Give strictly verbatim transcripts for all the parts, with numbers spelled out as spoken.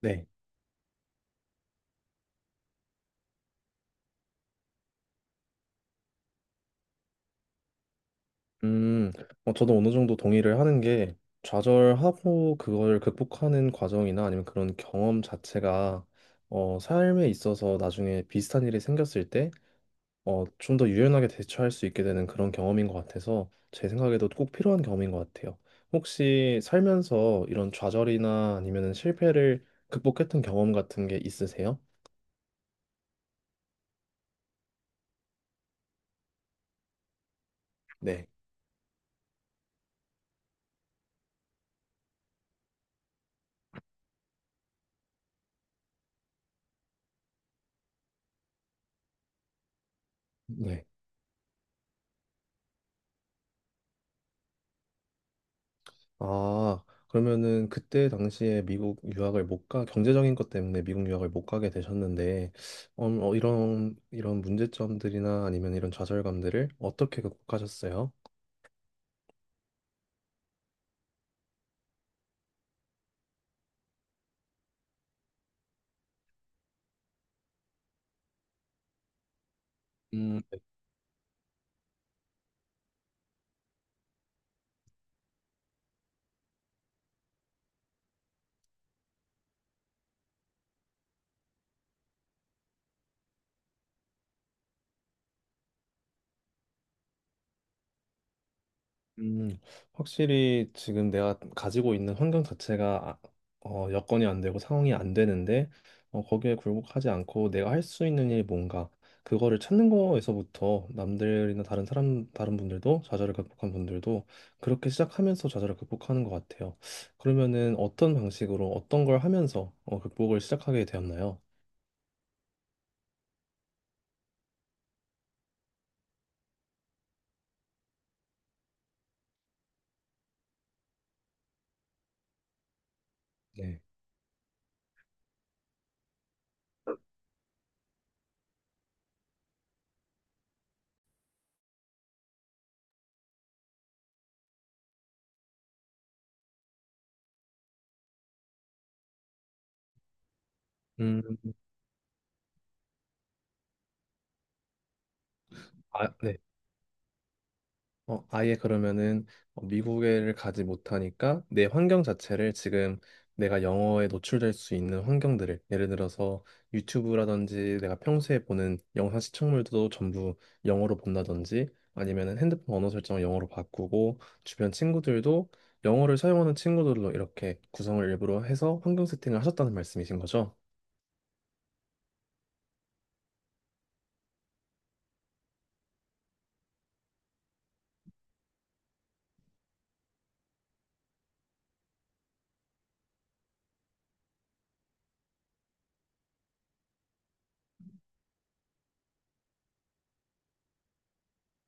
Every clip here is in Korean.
네. 음, 어, 저도 어느 정도 동의를 하는 게 좌절하고 그걸 극복하는 과정이나 아니면 그런 경험 자체가 어, 삶에 있어서 나중에 비슷한 일이 생겼을 때 어, 좀 더 유연하게 대처할 수 있게 되는 그런 경험인 것 같아서 제 생각에도 꼭 필요한 경험인 것 같아요. 혹시 살면서 이런 좌절이나 아니면 실패를 극복했던 경험 같은 게 있으세요? 네. 네. 아, 그러면은 그때 당시에 미국 유학을 못 가, 경제적인 것 때문에 미국 유학을 못 가게 되셨는데, 음, 어, 이런, 이런 문제점들이나 아니면 이런 좌절감들을 어떻게 극복하셨어요? 음, 확실히 지금 내가 가지고 있는 환경 자체가 아- 어, 여건이 안 되고 상황이 안 되는데 어, 거기에 굴복하지 않고 내가 할 수 있는 일이 뭔가 그거를 찾는 거에서부터 남들이나 다른 사람 다른 분들도 좌절을 극복한 분들도 그렇게 시작하면서 좌절을 극복하는 것 같아요. 그러면은 어떤 방식으로 어떤 걸 하면서 어, 극복을 시작하게 되었나요? 네. 음, 아, 네. 어, 아예 그러면은 어, 미국에를 가지 못하니까 내 환경 자체를 지금 내가 영어에 노출될 수 있는 환경들을 예를 들어서 유튜브라든지 내가 평소에 보는 영상 시청물도 전부 영어로 본다든지 아니면은 핸드폰 언어 설정을 영어로 바꾸고 주변 친구들도 영어를 사용하는 친구들로 이렇게 구성을 일부러 해서 환경 세팅을 하셨다는 말씀이신 거죠?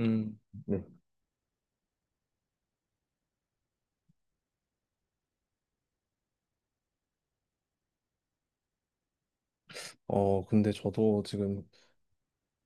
음, 네. 어, 근데 저도 지금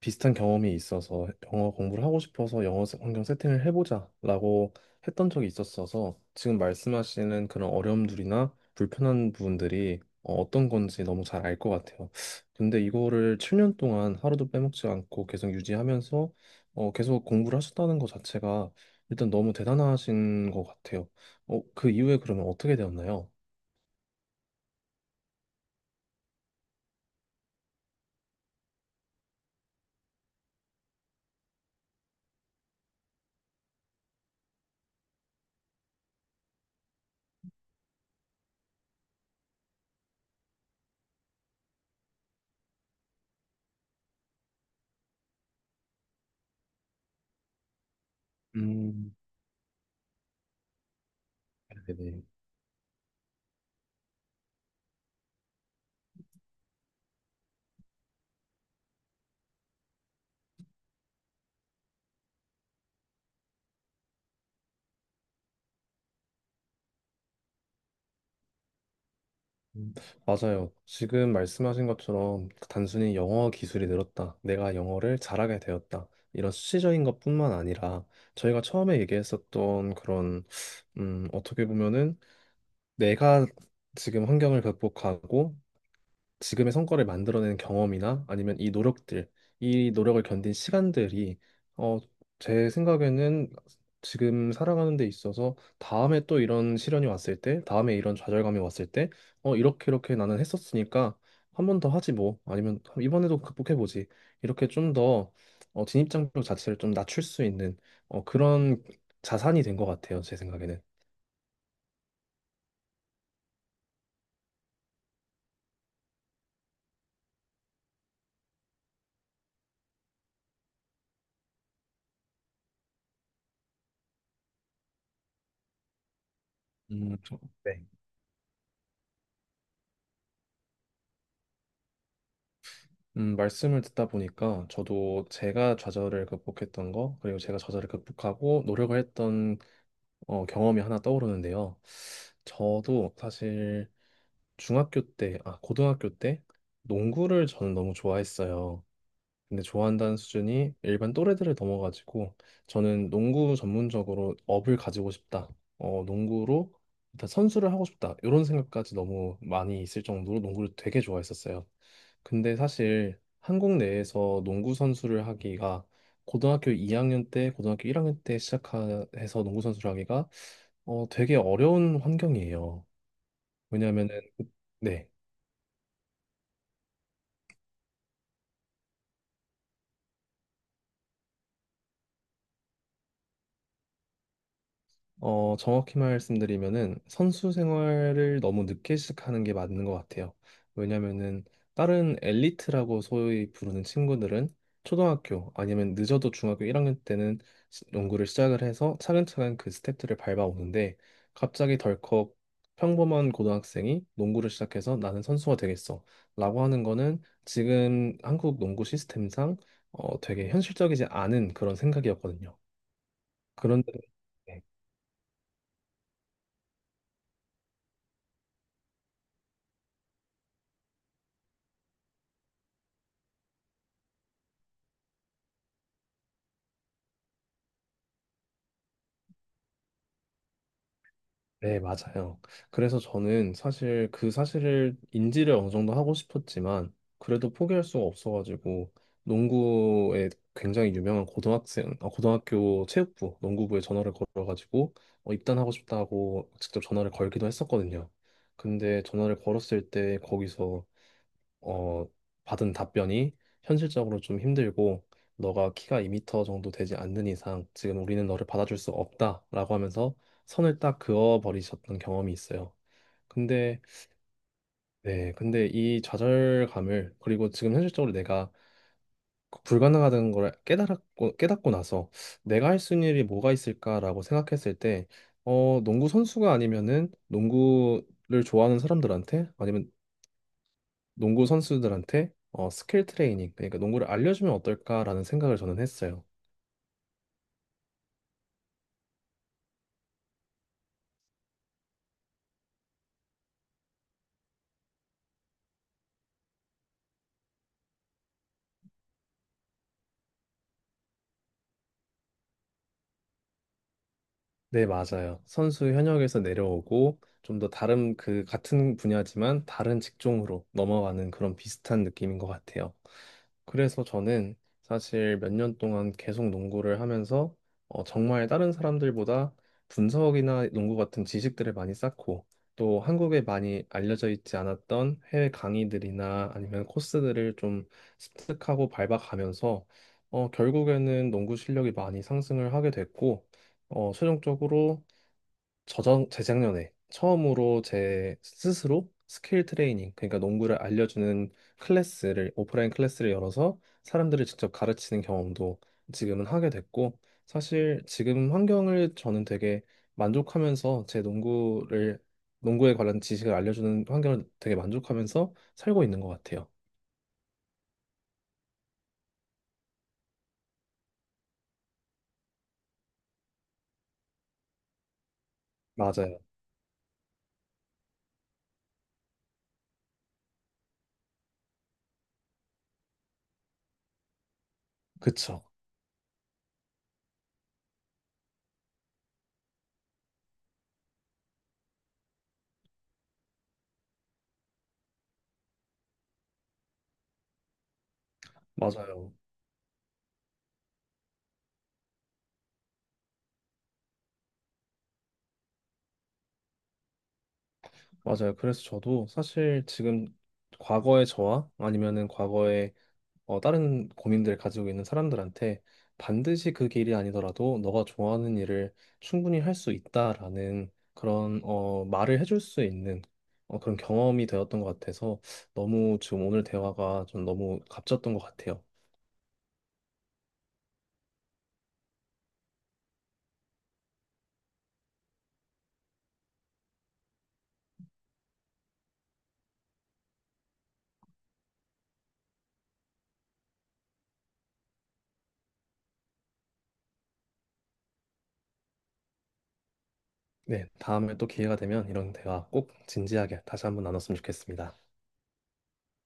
비슷한 경험이 있어서 영어 공부를 하고 싶어서 영어 세- 환경 세팅을 해보자라고 했던 적이 있었어서 지금 말씀하시는 그런 어려움들이나 불편한 부분들이 어, 어떤 건지 너무 잘 알 것 같아요. 근데 이거를 칠 년 동안 하루도 빼먹지 않고 계속 유지하면서 어, 계속 공부를 하셨다는 것 자체가 일단 너무 대단하신 것 같아요. 어, 그 이후에 그러면 어떻게 되었나요? 음, 네네. 음, 맞아요. 지금 말씀하신 것처럼 단순히 영어 기술이 늘었다. 내가 영어를 잘하게 되었다. 이런 수치적인 것뿐만 아니라 저희가 처음에 얘기했었던 그런 음, 어떻게 보면은 내가 지금 환경을 극복하고 지금의 성과를 만들어낸 경험이나 아니면 이 노력들, 이 노력을 견딘 시간들이 어, 제 생각에는 지금 살아가는 데 있어서 다음에 또 이런 시련이 왔을 때, 다음에 이런 좌절감이 왔을 때, 어, 이렇게 이렇게 나는 했었으니까 한 번 더 하지 뭐, 아니면 이번에도 극복해보지. 이렇게 좀 더 어, 진입장벽 자체를 좀 낮출 수 있는 어, 그런 자산이 된 것 같아요, 제 생각에는. 음, 저- 네. 음, 말씀을 듣다 보니까 저도 제가 좌절을 극복했던 거, 그리고 제가 좌절을 극복하고 노력을 했던 어, 경험이 하나 떠오르는데요. 저도 사실 중학교 때, 아, 고등학교 때 농구를 저는 너무 좋아했어요. 근데 좋아한다는 수준이 일반 또래들을 넘어가지고 저는 농구 전문적으로 업을 가지고 싶다. 어, 농구로 일단 선수를 하고 싶다. 이런 생각까지 너무 많이 있을 정도로 농구를 되게 좋아했었어요. 근데 사실 한국 내에서 농구 선수를 하기가 고등학교 이 학년 때, 고등학교 일 학년 때 시작해서 농구 선수를 하기가 어, 되게 어려운 환경이에요. 왜냐면은 그, 네. 어, 정확히 말씀드리면은 선수 생활을 너무 늦게 시작하는 게 맞는 것 같아요. 왜냐면은 다른 엘리트라고 소위 부르는 친구들은 초등학교 아니면 늦어도 중학교 일 학년 때는 시- 농구를 시작을 해서 차근차근 그 스텝들을 밟아오는데 갑자기 덜컥 평범한 고등학생이 농구를 시작해서 나는 선수가 되겠어 라고 하는 거는 지금 한국 농구 시스템상 어, 되게 현실적이지 않은 그런 생각이었거든요. 그런데 네. 네, 맞아요. 그래서 저는 사실 그 사실을 인지를 어느 정도 하고 싶었지만 그래도 포기할 수가 없어가지고 농구에 굉장히 유명한 고등학생, 아, 고등학교 체육부 농구부에 전화를 걸어가지고 어, 입단하고 싶다고 직접 전화를 걸기도 했었거든요. 근데 전화를 걸었을 때 거기서 어, 받은 답변이 현실적으로 좀 힘들고 너가 키가 이 미터 정도 되지 않는 이상 지금 우리는 너를 받아줄 수 없다라고 하면서 선을 딱 그어버리셨던 경험이 있어요. 근데 네, 근데 이 좌절감을 그리고 지금 현실적으로 내가 불가능하다는 걸 깨달았고 깨닫고 나서 내가 할 수 있는 일이 뭐가 있을까라고 생각했을 때 어, 농구 선수가 아니면은 농구를 좋아하는 사람들한테 아니면 농구 선수들한테 어, 스킬 트레이닝, 그러니까 농구를 알려주면 어떨까라는 생각을 저는 했어요. 네, 맞아요. 선수 현역에서 내려오고 좀 더 다른 그 같은 분야지만 다른 직종으로 넘어가는 그런 비슷한 느낌인 것 같아요. 그래서 저는 사실 몇 년 동안 계속 농구를 하면서 어, 정말 다른 사람들보다 분석이나 농구 같은 지식들을 많이 쌓고 또 한국에 많이 알려져 있지 않았던 해외 강의들이나 아니면 코스들을 좀 습득하고 밟아가면서 어, 결국에는 농구 실력이 많이 상승을 하게 됐고 어, 최종적으로 저전 재작년에 처음으로 제 스스로 스킬 트레이닝, 그러니까 농구를 알려주는 클래스를 오프라인 클래스를 열어서 사람들을 직접 가르치는 경험도 지금은 하게 됐고 사실 지금 환경을 저는 되게 만족하면서 제 농구를 농구에 관한 지식을 알려주는 환경을 되게 만족하면서 살고 있는 것 같아요. 맞아요. 그쵸. 맞아요. 맞아요. 그래서 저도 사실 지금 과거의 저와 아니면은 과거의 어, 다른 고민들 가지고 있는 사람들한테 반드시 그 길이 아니더라도 너가 좋아하는 일을 충분히 할 수 있다라는 그런 어, 말을 해줄 수 있는 어, 그런 경험이 되었던 것 같아서 너무 지금 오늘 대화가 좀 너무 값졌던 것 같아요. 네, 다음에 또 기회가 되면 이런 대화 꼭 진지하게 다시 한번 나눴으면 좋겠습니다.